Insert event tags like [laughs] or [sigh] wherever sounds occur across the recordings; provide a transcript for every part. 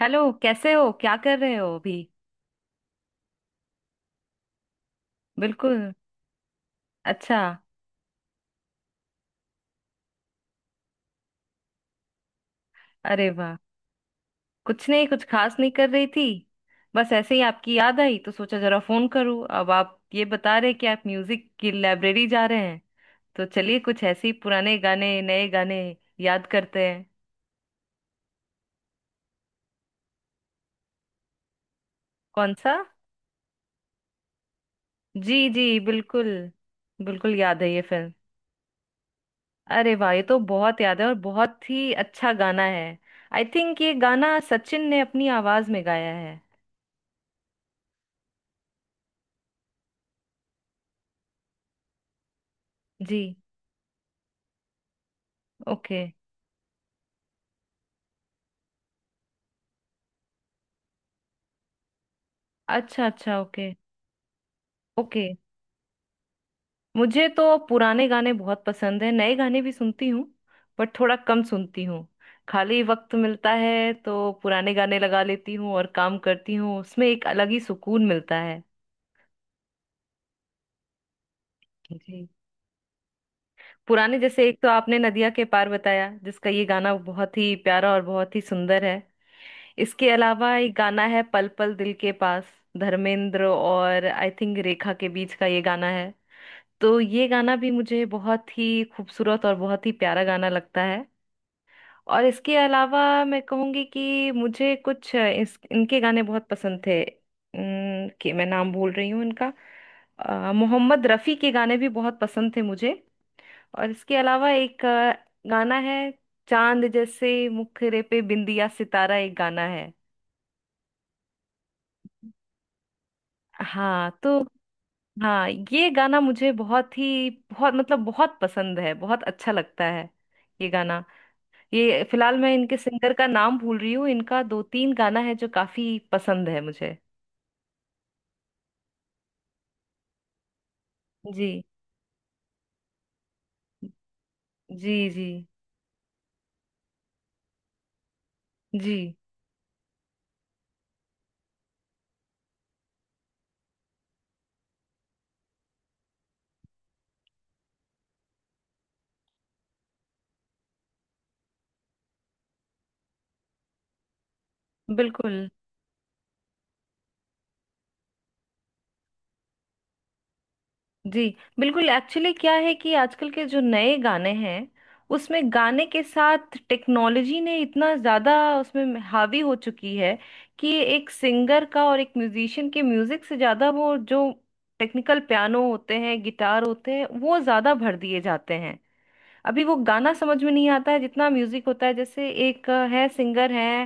Hello, कैसे हो? क्या कर रहे हो अभी? बिल्कुल। अच्छा। अरे वाह! कुछ नहीं, कुछ खास नहीं कर रही थी। बस ऐसे ही आपकी याद आई तो सोचा जरा फोन करूं। अब आप ये बता रहे कि आप म्यूजिक की लाइब्रेरी जा रहे हैं, तो चलिए कुछ ऐसे ही पुराने गाने, नए गाने याद करते हैं। कौन सा? जी जी, बिल्कुल। बिल्कुल याद है ये फिल्म। अरे वाह, ये तो बहुत याद है और बहुत ही अच्छा गाना है। आई थिंक ये गाना सचिन ने अपनी आवाज में गाया है। जी। ओके। अच्छा अच्छा, ओके। ओके। मुझे तो पुराने गाने बहुत पसंद है, नए गाने भी सुनती हूँ। बट थोड़ा कम सुनती हूँ। खाली वक्त मिलता है तो पुराने गाने लगा लेती हूँ और काम करती हूँ, उसमें एक अलग ही सुकून मिलता है। जी। पुराने जैसे, एक तो आपने नदिया के पार बताया, जिसका ये गाना बहुत ही प्यारा और बहुत ही सुंदर है। इसके अलावा एक गाना है, पल पल दिल के पास। धर्मेंद्र और आई थिंक रेखा के बीच का ये गाना है। तो ये गाना भी मुझे बहुत ही खूबसूरत और बहुत ही प्यारा गाना लगता है। और इसके अलावा मैं कहूँगी कि मुझे कुछ इनके गाने बहुत पसंद थे, कि मैं नाम भूल रही हूँ इनका। मोहम्मद रफ़ी के गाने भी बहुत पसंद थे मुझे। और इसके अलावा एक गाना है, चांद जैसे मुखरे पे बिंदिया सितारा, एक गाना है। हाँ तो, हाँ, ये गाना मुझे बहुत ही बहुत मतलब बहुत पसंद है, बहुत अच्छा लगता है ये गाना। ये फिलहाल मैं इनके सिंगर का नाम भूल रही हूँ। इनका दो तीन गाना है जो काफी पसंद है मुझे। जी। जी। जी। जी। बिल्कुल। जी। बिल्कुल, एक्चुअली क्या है कि आजकल के जो नए गाने हैं, उसमें गाने के साथ टेक्नोलॉजी ने इतना ज्यादा उसमें हावी हो चुकी है, कि एक सिंगर का और एक म्यूजिशियन के म्यूजिक से ज्यादा वो जो टेक्निकल पियानो होते हैं, गिटार होते हैं, वो ज्यादा भर दिए जाते हैं। अभी वो गाना समझ में नहीं आता है, जितना म्यूजिक होता है। जैसे एक है, सिंगर है,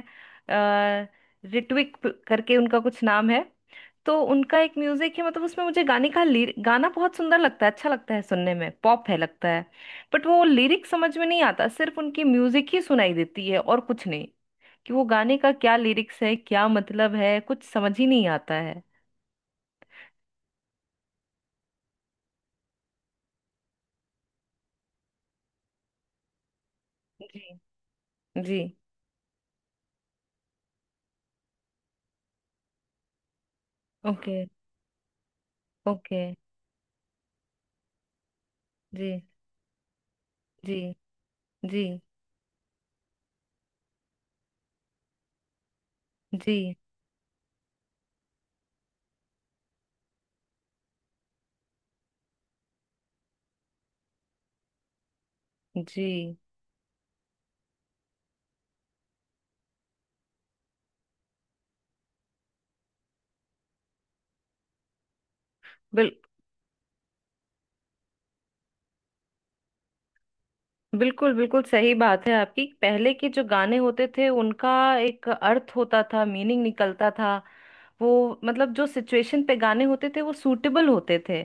अ, करके उनका कुछ नाम है। तो उनका एक म्यूजिक है, मतलब उसमें मुझे गाने का गाना बहुत सुंदर लगता है, अच्छा लगता है सुनने में, पॉप है लगता है। बट वो लिरिक समझ में नहीं आता, सिर्फ उनकी म्यूजिक ही सुनाई देती है और कुछ नहीं। कि वो गाने का क्या लिरिक्स है, क्या मतलब है, कुछ समझ ही नहीं आता है। जी। जी। ओके। ओके। जी। जी। जी। जी। जी। बिल्कुल। बिल्कुल। बिल्कुल सही बात है आपकी। पहले के जो गाने होते थे, उनका एक अर्थ होता था, मीनिंग निकलता था। वो मतलब जो सिचुएशन पे गाने होते थे वो सूटेबल होते थे,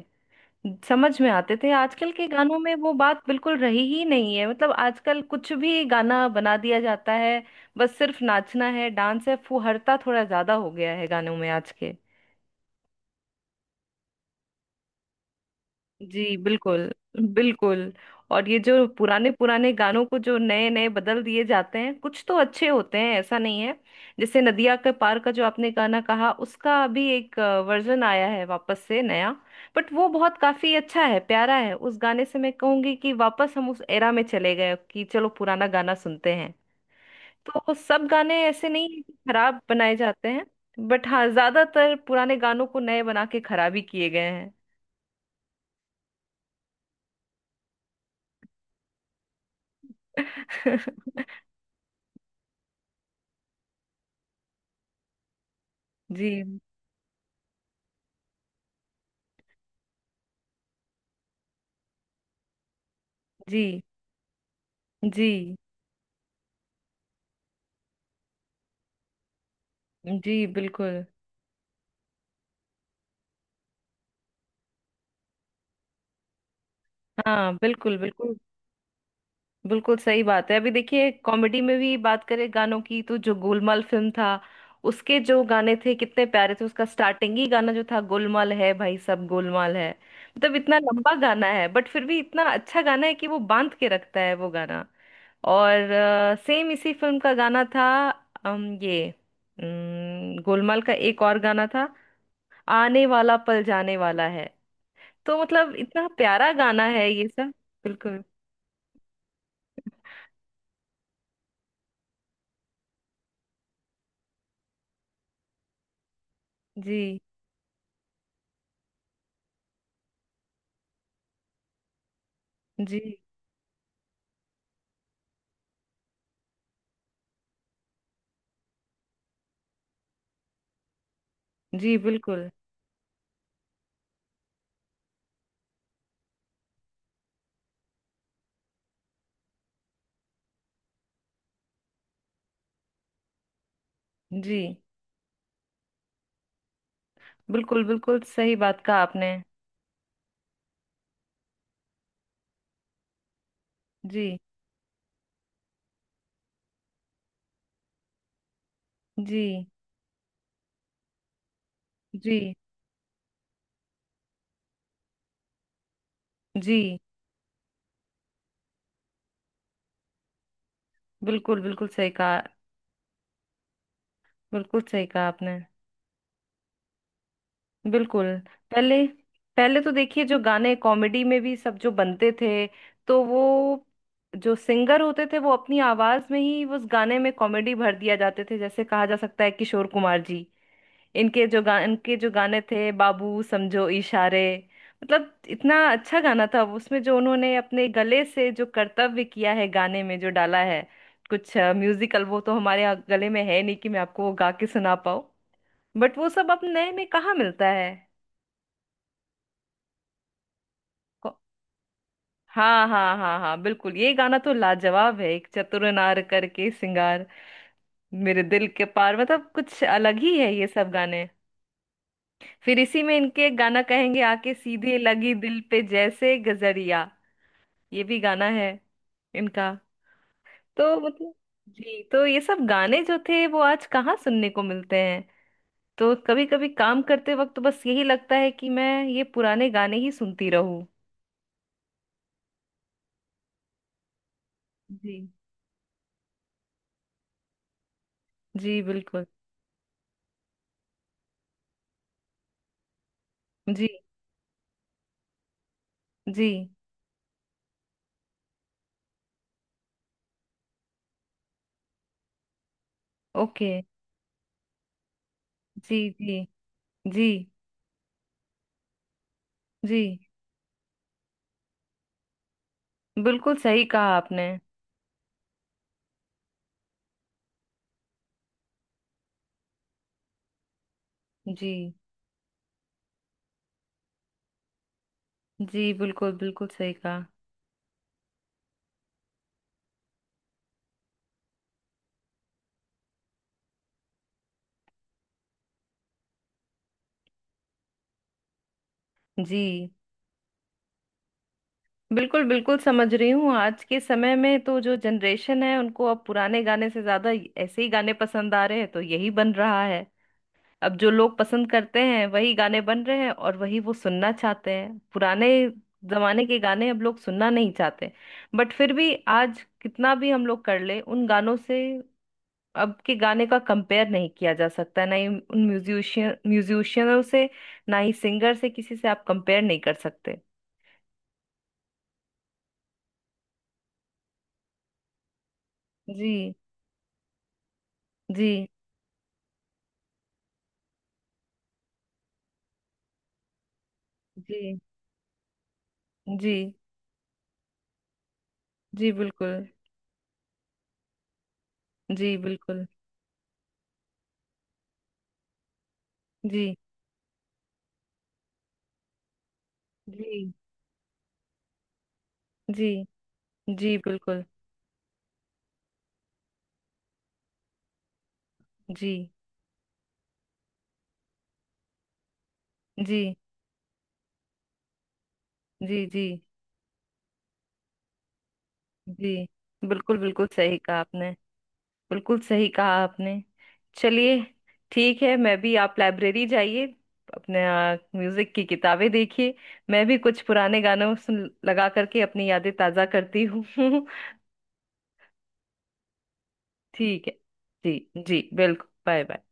समझ में आते थे। आजकल के गानों में वो बात बिल्कुल रही ही नहीं है। मतलब आजकल कुछ भी गाना बना दिया जाता है। बस सिर्फ नाचना है, डांस है, फुहरता थोड़ा ज्यादा हो गया है गानों में आज के। जी। बिल्कुल। बिल्कुल। और ये जो पुराने पुराने गानों को जो नए नए बदल दिए जाते हैं, कुछ तो अच्छे होते हैं, ऐसा नहीं है। जैसे नदिया के पार का जो आपने गाना कहा, उसका अभी एक वर्जन आया है वापस से, नया। बट वो बहुत काफी अच्छा है, प्यारा है। उस गाने से मैं कहूंगी कि वापस हम उस एरा में चले गए कि चलो पुराना गाना सुनते हैं। तो वो सब गाने ऐसे नहीं है कि खराब बनाए जाते हैं। बट हाँ, ज्यादातर पुराने गानों को नए बना के खराब ही किए गए हैं। [laughs] जी। जी। जी। जी। बिल्कुल। हाँ। बिल्कुल बिल्कुल, बिल्कुल सही बात है। अभी देखिए, कॉमेडी में भी बात करें गानों की, तो जो गोलमाल फिल्म था, उसके जो गाने थे कितने प्यारे थे। उसका स्टार्टिंग ही गाना जो था, गोलमाल है भाई सब गोलमाल है। मतलब इतना लंबा गाना है, बट फिर भी इतना अच्छा गाना है कि वो बांध के रखता है वो गाना। और सेम इसी फिल्म का गाना था, ये गोलमाल का एक और गाना था, आने वाला पल जाने वाला है। तो मतलब इतना प्यारा गाना है ये सब। बिल्कुल। जी। जी। जी। बिल्कुल। जी। बिल्कुल बिल्कुल, सही बात कहा आपने। जी। जी। जी। जी। बिल्कुल। बिल्कुल सही कहा। बिल्कुल सही कहा आपने। बिल्कुल। पहले, पहले तो देखिए, जो गाने कॉमेडी में भी सब जो बनते थे, तो वो जो सिंगर होते थे वो अपनी आवाज में ही उस गाने में कॉमेडी भर दिया जाते थे। जैसे कहा जा सकता है किशोर कुमार जी, इनके जो गाने थे, बाबू समझो इशारे। मतलब इतना अच्छा गाना था, उसमें जो उन्होंने अपने गले से जो कर्तव्य किया है, गाने में जो डाला है, कुछ म्यूजिकल, वो तो हमारे यहाँ गले में है नहीं कि मैं आपको वो गा के सुना पाऊँ। बट वो सब अब नए में कहाँ मिलता है? को- हाँ हाँ हाँ हाँ, बिल्कुल, ये गाना तो लाजवाब है। एक चतुर नार करके सिंगार मेरे दिल के पार, मतलब कुछ अलग ही है ये सब गाने। फिर इसी में इनके एक गाना कहेंगे, आके सीधे लगी दिल पे जैसे गजरिया, ये भी गाना है इनका। तो मतलब, जी, तो ये सब गाने जो थे वो आज कहाँ सुनने को मिलते हैं? तो कभी कभी काम करते वक्त तो बस यही लगता है कि मैं ये पुराने गाने ही सुनती रहूं। जी। जी। बिल्कुल। जी। जी। ओके। जी। जी। जी। जी। बिल्कुल सही कहा आपने। जी। जी। बिल्कुल। बिल्कुल सही कहा। जी। बिल्कुल, बिल्कुल समझ रही हूँ। आज के समय में तो जो जनरेशन है, उनको अब पुराने गाने से ज्यादा ऐसे ही गाने पसंद आ रहे हैं, तो यही बन रहा है। अब जो लोग पसंद करते हैं वही गाने बन रहे हैं, और वही वो सुनना चाहते हैं। पुराने जमाने के गाने अब लोग सुनना नहीं चाहते। बट फिर भी आज कितना भी हम लोग कर ले, उन गानों से अब के गाने का कंपेयर नहीं किया जा सकता, ना ही उन म्यूजिशियनों से, ना ही सिंगर से, किसी से आप कंपेयर नहीं कर सकते। जी। जी। जी। जी। जी। बिल्कुल। जी। बिल्कुल। जी। जी। जी। जी। बिल्कुल। जी। जी। जी। जी। जी। बिल्कुल, बिल्कुल सही कहा आपने। बिल्कुल सही कहा आपने। चलिए, ठीक है। मैं भी, आप लाइब्रेरी जाइए, अपने म्यूजिक की किताबें देखिए, मैं भी कुछ पुराने गानों सुन लगा करके अपनी यादें ताजा करती हूँ। [laughs] ठीक है। जी। जी, बिल्कुल। Bye bye.